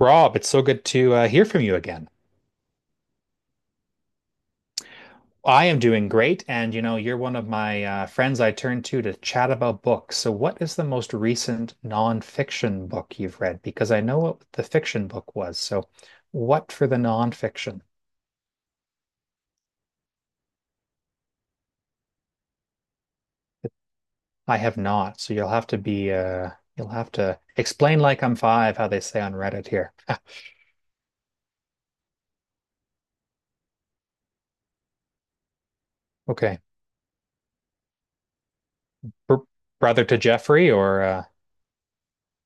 Rob, it's so good to hear from you again. I am doing great, and you know, you're one of my friends I turn to chat about books. So, what is the most recent nonfiction book you've read? Because I know what the fiction book was. So, what for the nonfiction? I have not. So, you'll have to be, you'll have to explain like I'm five, how they say on Reddit here. Okay. Br Brother to Jeffrey, or,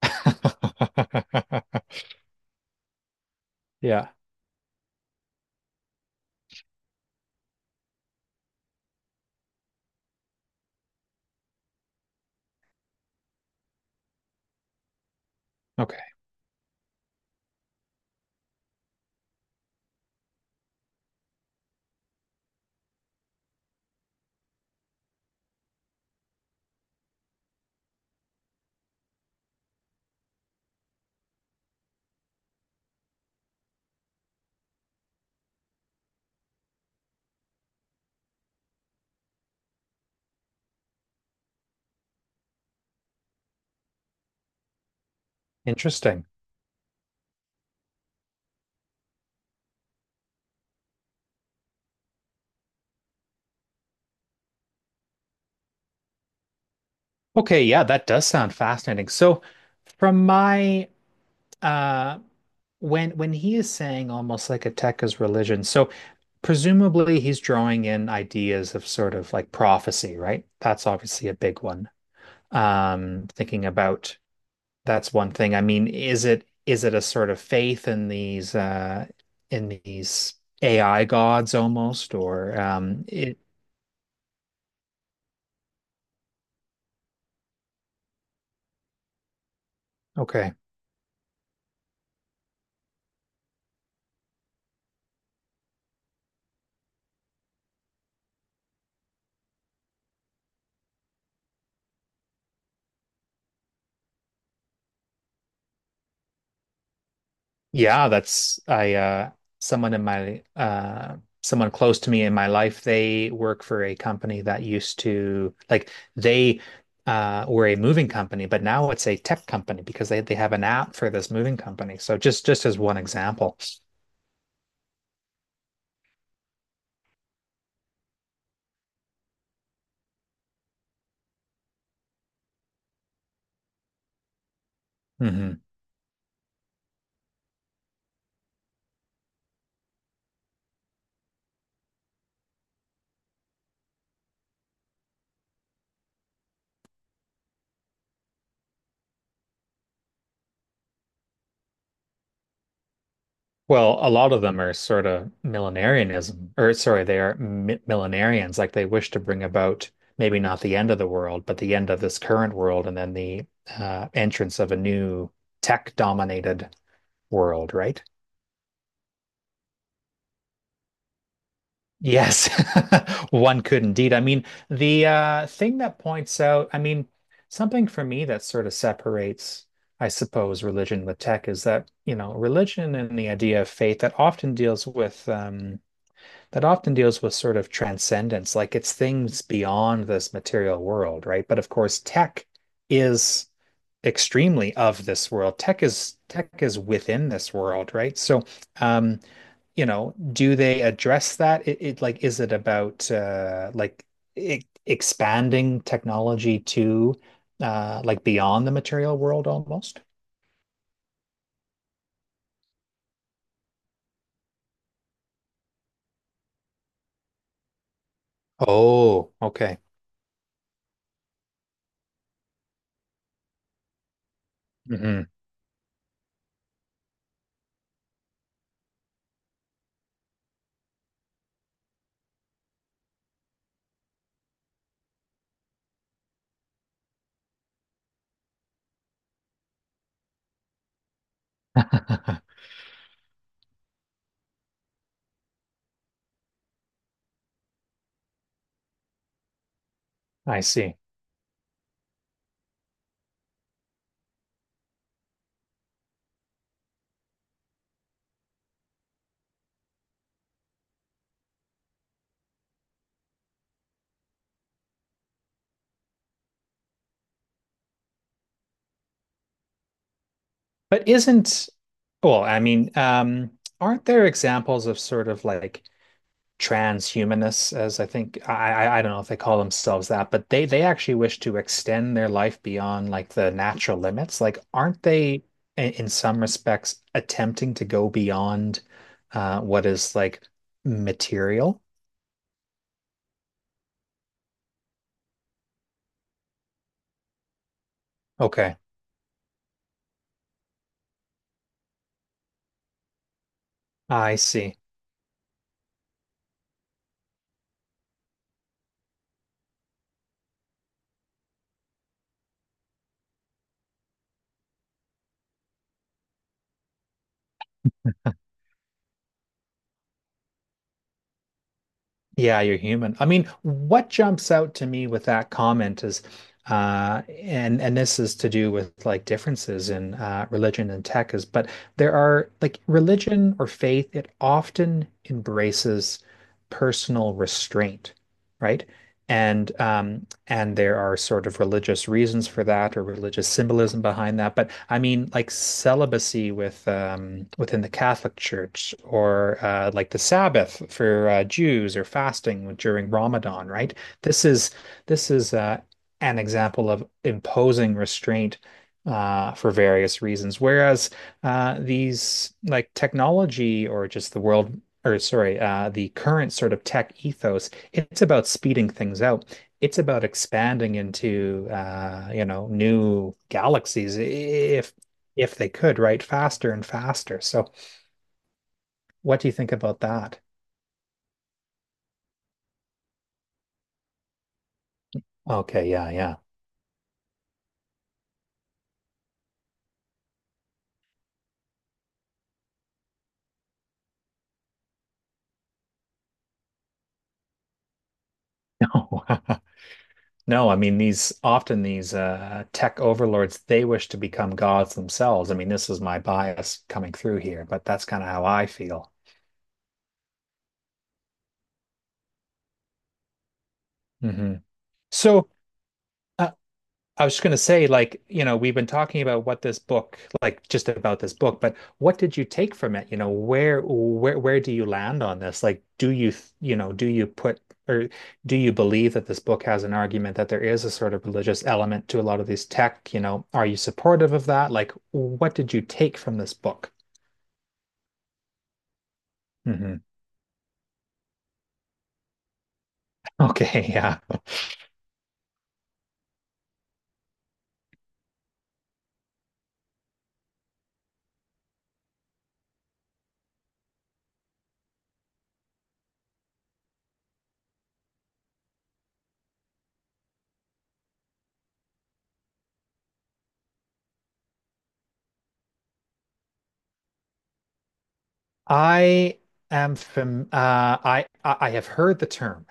yeah. Okay. Interesting. Okay, yeah, that does sound fascinating. So from my uh when he is saying almost like a tech is religion, so presumably he's drawing in ideas of sort of like prophecy, right? That's obviously a big one. Thinking about that's one thing. I mean, is it a sort of faith in these in these AI gods almost or it okay. Yeah, that's I someone in my someone close to me in my life, they work for a company that used to like they were a moving company, but now it's a tech company because they have an app for this moving company. So just as one example. Hmm. Well, a lot of them are sort of millenarianism, or sorry, they are mi millenarians, like they wish to bring about maybe not the end of the world, but the end of this current world and then the entrance of a new tech dominated world, right? Yes, one could indeed. I mean, the thing that points out, I mean, something for me that sort of separates, I suppose, religion with tech is that, you know, religion and the idea of faith that often deals with sort of transcendence, like it's things beyond this material world, right? But of course, tech is extremely of this world. Tech is within this world, right? So, um, you know, do they address that? It like is it about like expanding technology to like beyond the material world almost? Oh, okay. Hmm. I see. But isn't, well, I mean, aren't there examples of sort of like transhumanists, as I think I don't know if they call themselves that, but they actually wish to extend their life beyond like the natural limits. Like, aren't they in some respects attempting to go beyond what is like material? Okay, I see. Yeah, you're human. I mean, what jumps out to me with that comment is, and this is to do with like differences in religion and tech is, but there are like religion or faith, it often embraces personal restraint, right? And um, and there are sort of religious reasons for that or religious symbolism behind that. But I mean, like celibacy with within the Catholic Church, or like the Sabbath for Jews, or fasting during Ramadan, right? This is this is uh, an example of imposing restraint for various reasons. Whereas these like technology or just the world, or sorry, the current sort of tech ethos, it's about speeding things out, it's about expanding into you know, new galaxies if they could, right? Faster and faster. So what do you think about that? Okay, yeah, yeah. No. No, I mean these often these tech overlords, they wish to become gods themselves. I mean, this is my bias coming through here, but that's kind of how I feel. Hmm. So, uh, I was just going to say, like, you know, we've been talking about what this book, like, just about this book, but what did you take from it? You know, where do you land on this? Like, do you, you know, do you put, or do you believe that this book has an argument that there is a sort of religious element to a lot of these tech? You know, are you supportive of that? Like, what did you take from this book? Mm-hmm. Okay, yeah, I am from. I have heard the term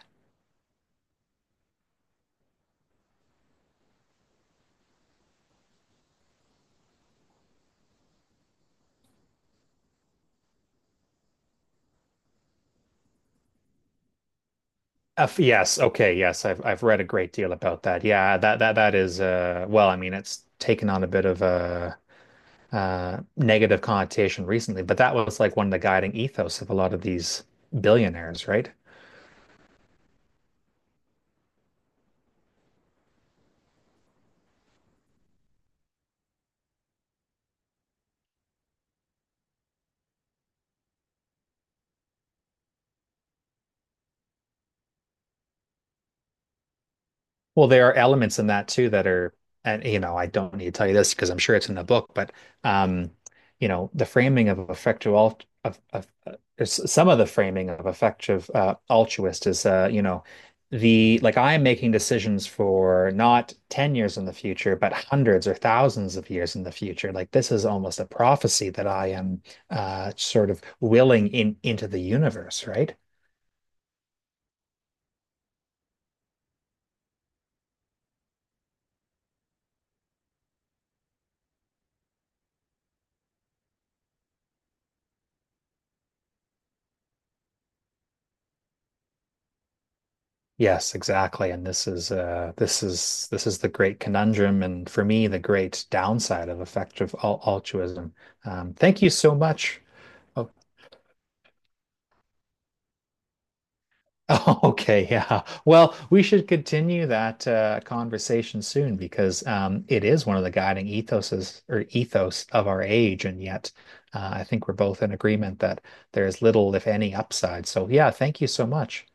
Yes, okay, yes, I've read a great deal about that. Yeah, that is well, I mean, it's taken on a bit of a negative connotation recently, but that was like one of the guiding ethos of a lot of these billionaires, right? Well, there are elements in that too that are, and you know, I don't need to tell you this because I'm sure it's in the book, but um, you know, the framing of effective alt of s- some of the framing of effective altruist is, you know, the like I am making decisions for not 10 years in the future, but hundreds or thousands of years in the future. Like this is almost a prophecy that I am sort of willing in into the universe, right? Yes, exactly. And this is this is the great conundrum and for me the great downside of effective al altruism. Thank you so much uh, Oh, okay, yeah. Well, we should continue that conversation soon because it is one of the guiding ethoses or ethos of our age, and yet I think we're both in agreement that there is little, if any, upside. So, yeah, thank you so much.